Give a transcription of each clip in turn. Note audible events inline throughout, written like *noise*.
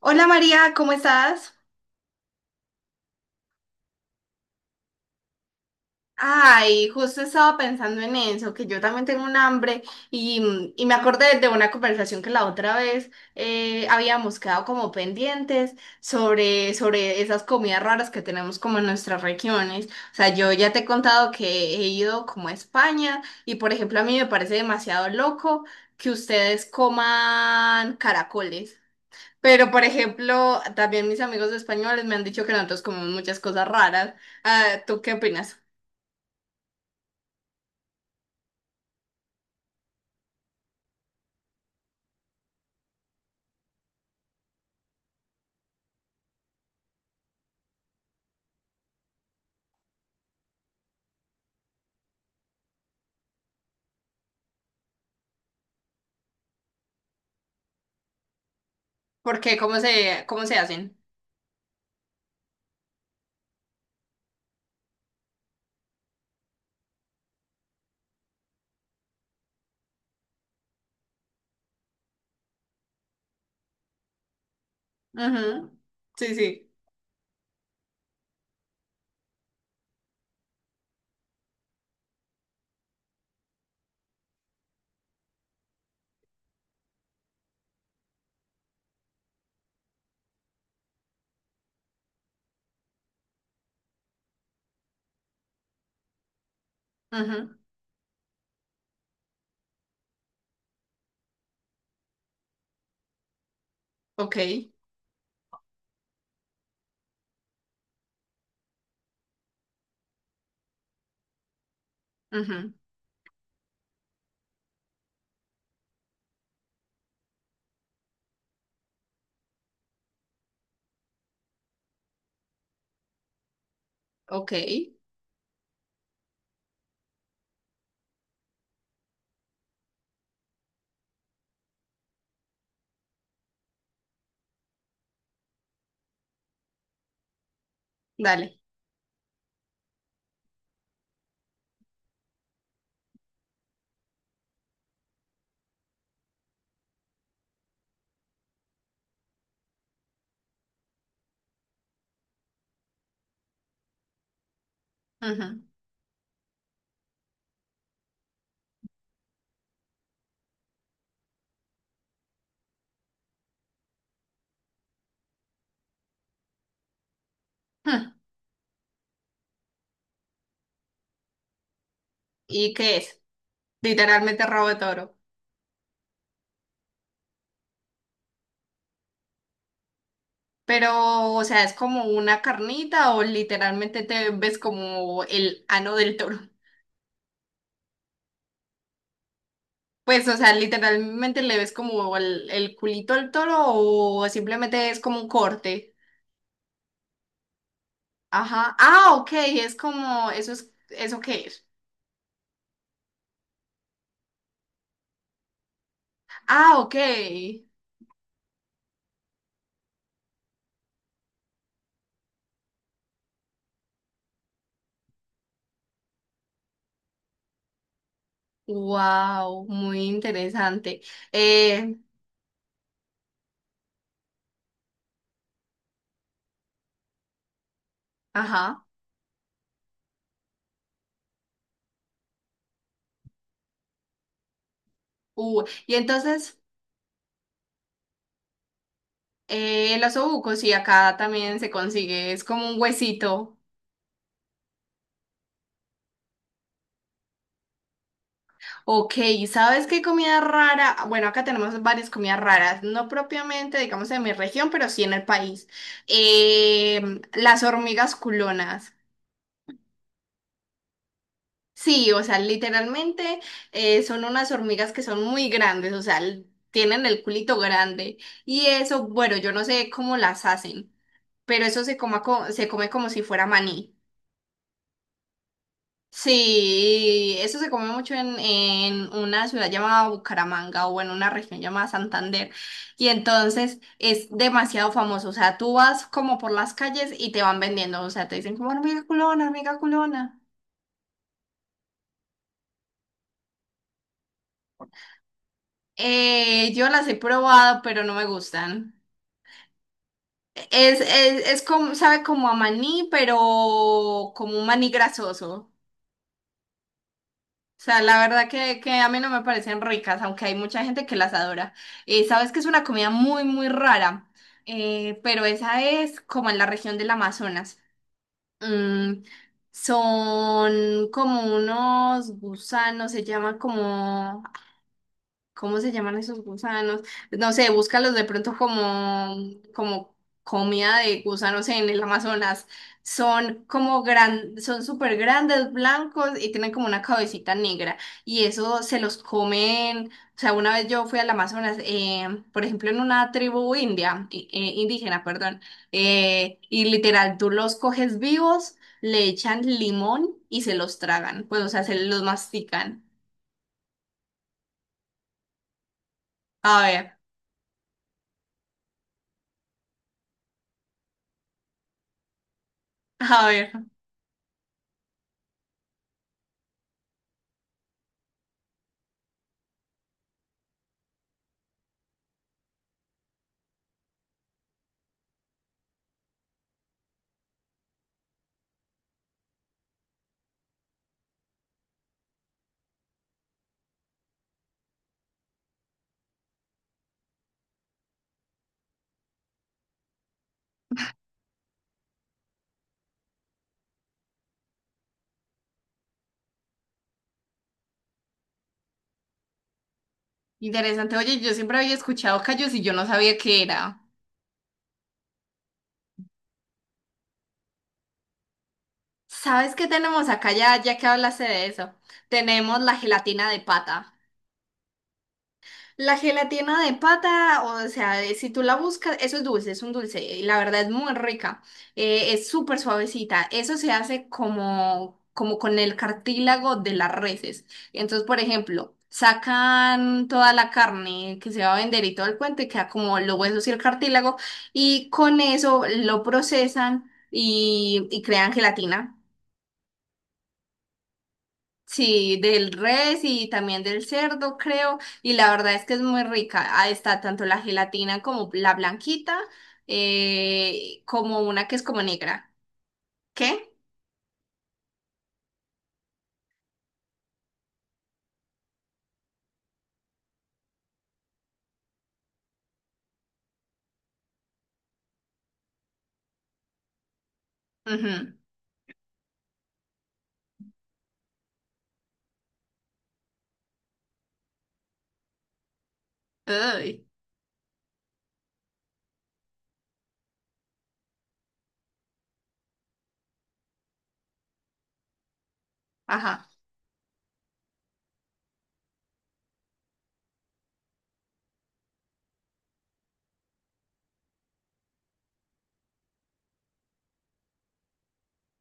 Hola María, ¿cómo estás? Ay, justo estaba pensando en eso, que yo también tengo un hambre y me acordé de una conversación que la otra vez habíamos quedado como pendientes sobre esas comidas raras que tenemos como en nuestras regiones. O sea, yo ya te he contado que he ido como a España y por ejemplo a mí me parece demasiado loco que ustedes coman caracoles. Pero, por ejemplo, también mis amigos españoles me han dicho que nosotros comemos muchas cosas raras. Ah, ¿tú qué opinas? ¿Por qué? Cómo se hacen? Ujú. Sí, sí. Ujú. Ok. Ujú. Ok. Dale. Ujú. Hm. ¿Y qué es? Literalmente rabo de toro. Pero, o sea, ¿es como una carnita o literalmente te ves como el ano del toro? Pues, o sea, literalmente le ves como el culito al toro o simplemente es como un corte. Ajá. Ah, ok, es como, eso es, ¿eso qué es? Ah, ok. Wow, muy interesante. Eh, ajá. Y entonces, los osobuco, sí, acá también se consigue, es como un huesito. Ok, ¿sabes qué comida rara? Bueno, acá tenemos varias comidas raras, no propiamente, digamos, en mi región, pero sí en el país. Las hormigas culonas. Sí, o sea, literalmente son unas hormigas que son muy grandes, o sea, tienen el culito grande. Y eso, bueno, yo no sé cómo las hacen, pero eso se come como si fuera maní. Sí, eso se come mucho en una ciudad llamada Bucaramanga o en una región llamada Santander. Y entonces es demasiado famoso. O sea, tú vas como por las calles y te van vendiendo. O sea, te dicen como hormiga culona, hormiga culona. Yo las he probado, pero no me gustan. Es como, sabe como a maní, pero como un maní grasoso. O sea, la verdad que a mí no me parecen ricas, aunque hay mucha gente que las adora. Sabes que es una comida muy, muy rara. Pero esa es como en la región del Amazonas. Mm, son como unos gusanos, se llaman como… ¿Cómo se llaman esos gusanos? No sé, búscalos de pronto como, como comida de gusanos en el Amazonas. Son súper grandes, blancos y tienen como una cabecita negra. Y eso se los comen. O sea, una vez yo fui al Amazonas, por ejemplo, en una tribu indígena, perdón, y literal, tú los coges vivos, le echan limón y se los tragan. Pues, o sea, se los mastican. A ver, a ver. Interesante. Oye, yo siempre había escuchado callos y yo no sabía qué era. ¿Sabes qué tenemos acá ya, ya que hablaste de eso? Tenemos la gelatina de pata. La gelatina de pata, o sea, si tú la buscas, eso es dulce, es un dulce, y la verdad es muy rica, es súper suavecita, eso se hace como, como con el cartílago de las reses. Entonces, por ejemplo, sacan toda la carne que se va a vender y todo el cuento, y queda como los huesos y el cartílago, y con eso lo procesan y crean gelatina. Sí, del res y también del cerdo, creo. Y la verdad es que es muy rica. Ah, está tanto la gelatina como la blanquita, como una que es como negra. ¿Qué? Ujú. Ay. Ajá.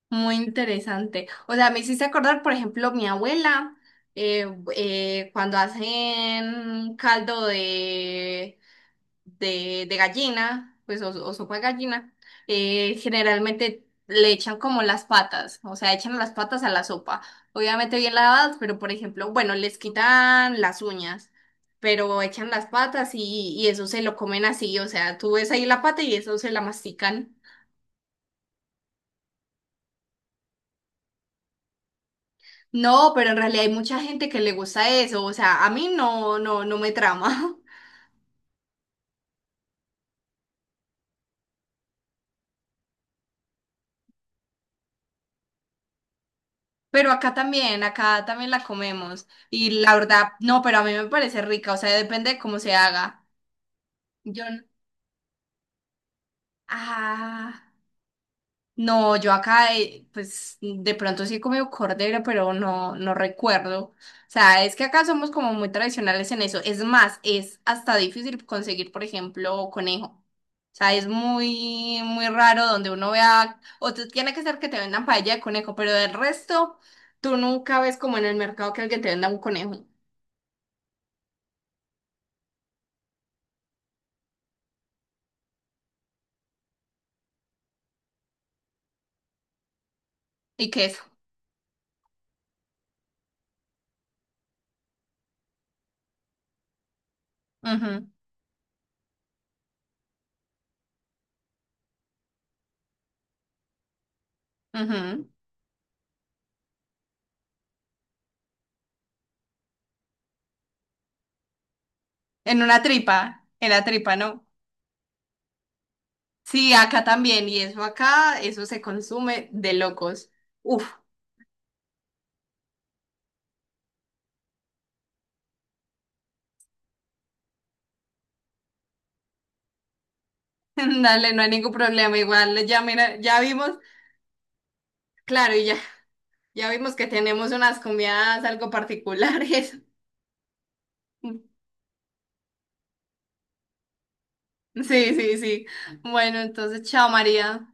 Muy interesante. O sea, me hiciste acordar, por ejemplo, mi abuela, eh, cuando hacen caldo de de gallina, pues o sopa de gallina, generalmente le echan como las patas, o sea, echan las patas a la sopa. Obviamente bien lavadas, pero por ejemplo, bueno, les quitan las uñas, pero echan las patas y eso se lo comen así, o sea, tú ves ahí la pata y eso se la mastican. No, pero en realidad hay mucha gente que le gusta eso, o sea, a mí no, no, no me trama. *laughs* Pero acá también la comemos. Y la verdad, no, pero a mí me parece rica, o sea, depende de cómo se haga. Yo, n- ah, no, yo acá, pues de pronto sí he comido cordero, pero no, no recuerdo. O sea, es que acá somos como muy tradicionales en eso. Es más, es hasta difícil conseguir, por ejemplo, conejo. O sea, es muy, muy raro donde uno vea, tiene que ser que te vendan paella de conejo, pero del resto, tú nunca ves como en el mercado que alguien te venda un conejo y queso. Ujú, ujú. En una tripa, en la tripa, ¿no? Sí, acá también, y eso acá, eso se consume de locos. Uf. *laughs* Dale, no hay ningún problema, igual ya mira, ya vimos, claro, y ya, ya vimos que tenemos unas comidas algo particulares. *laughs* Sí, sí, sí. Bueno, entonces, chao María.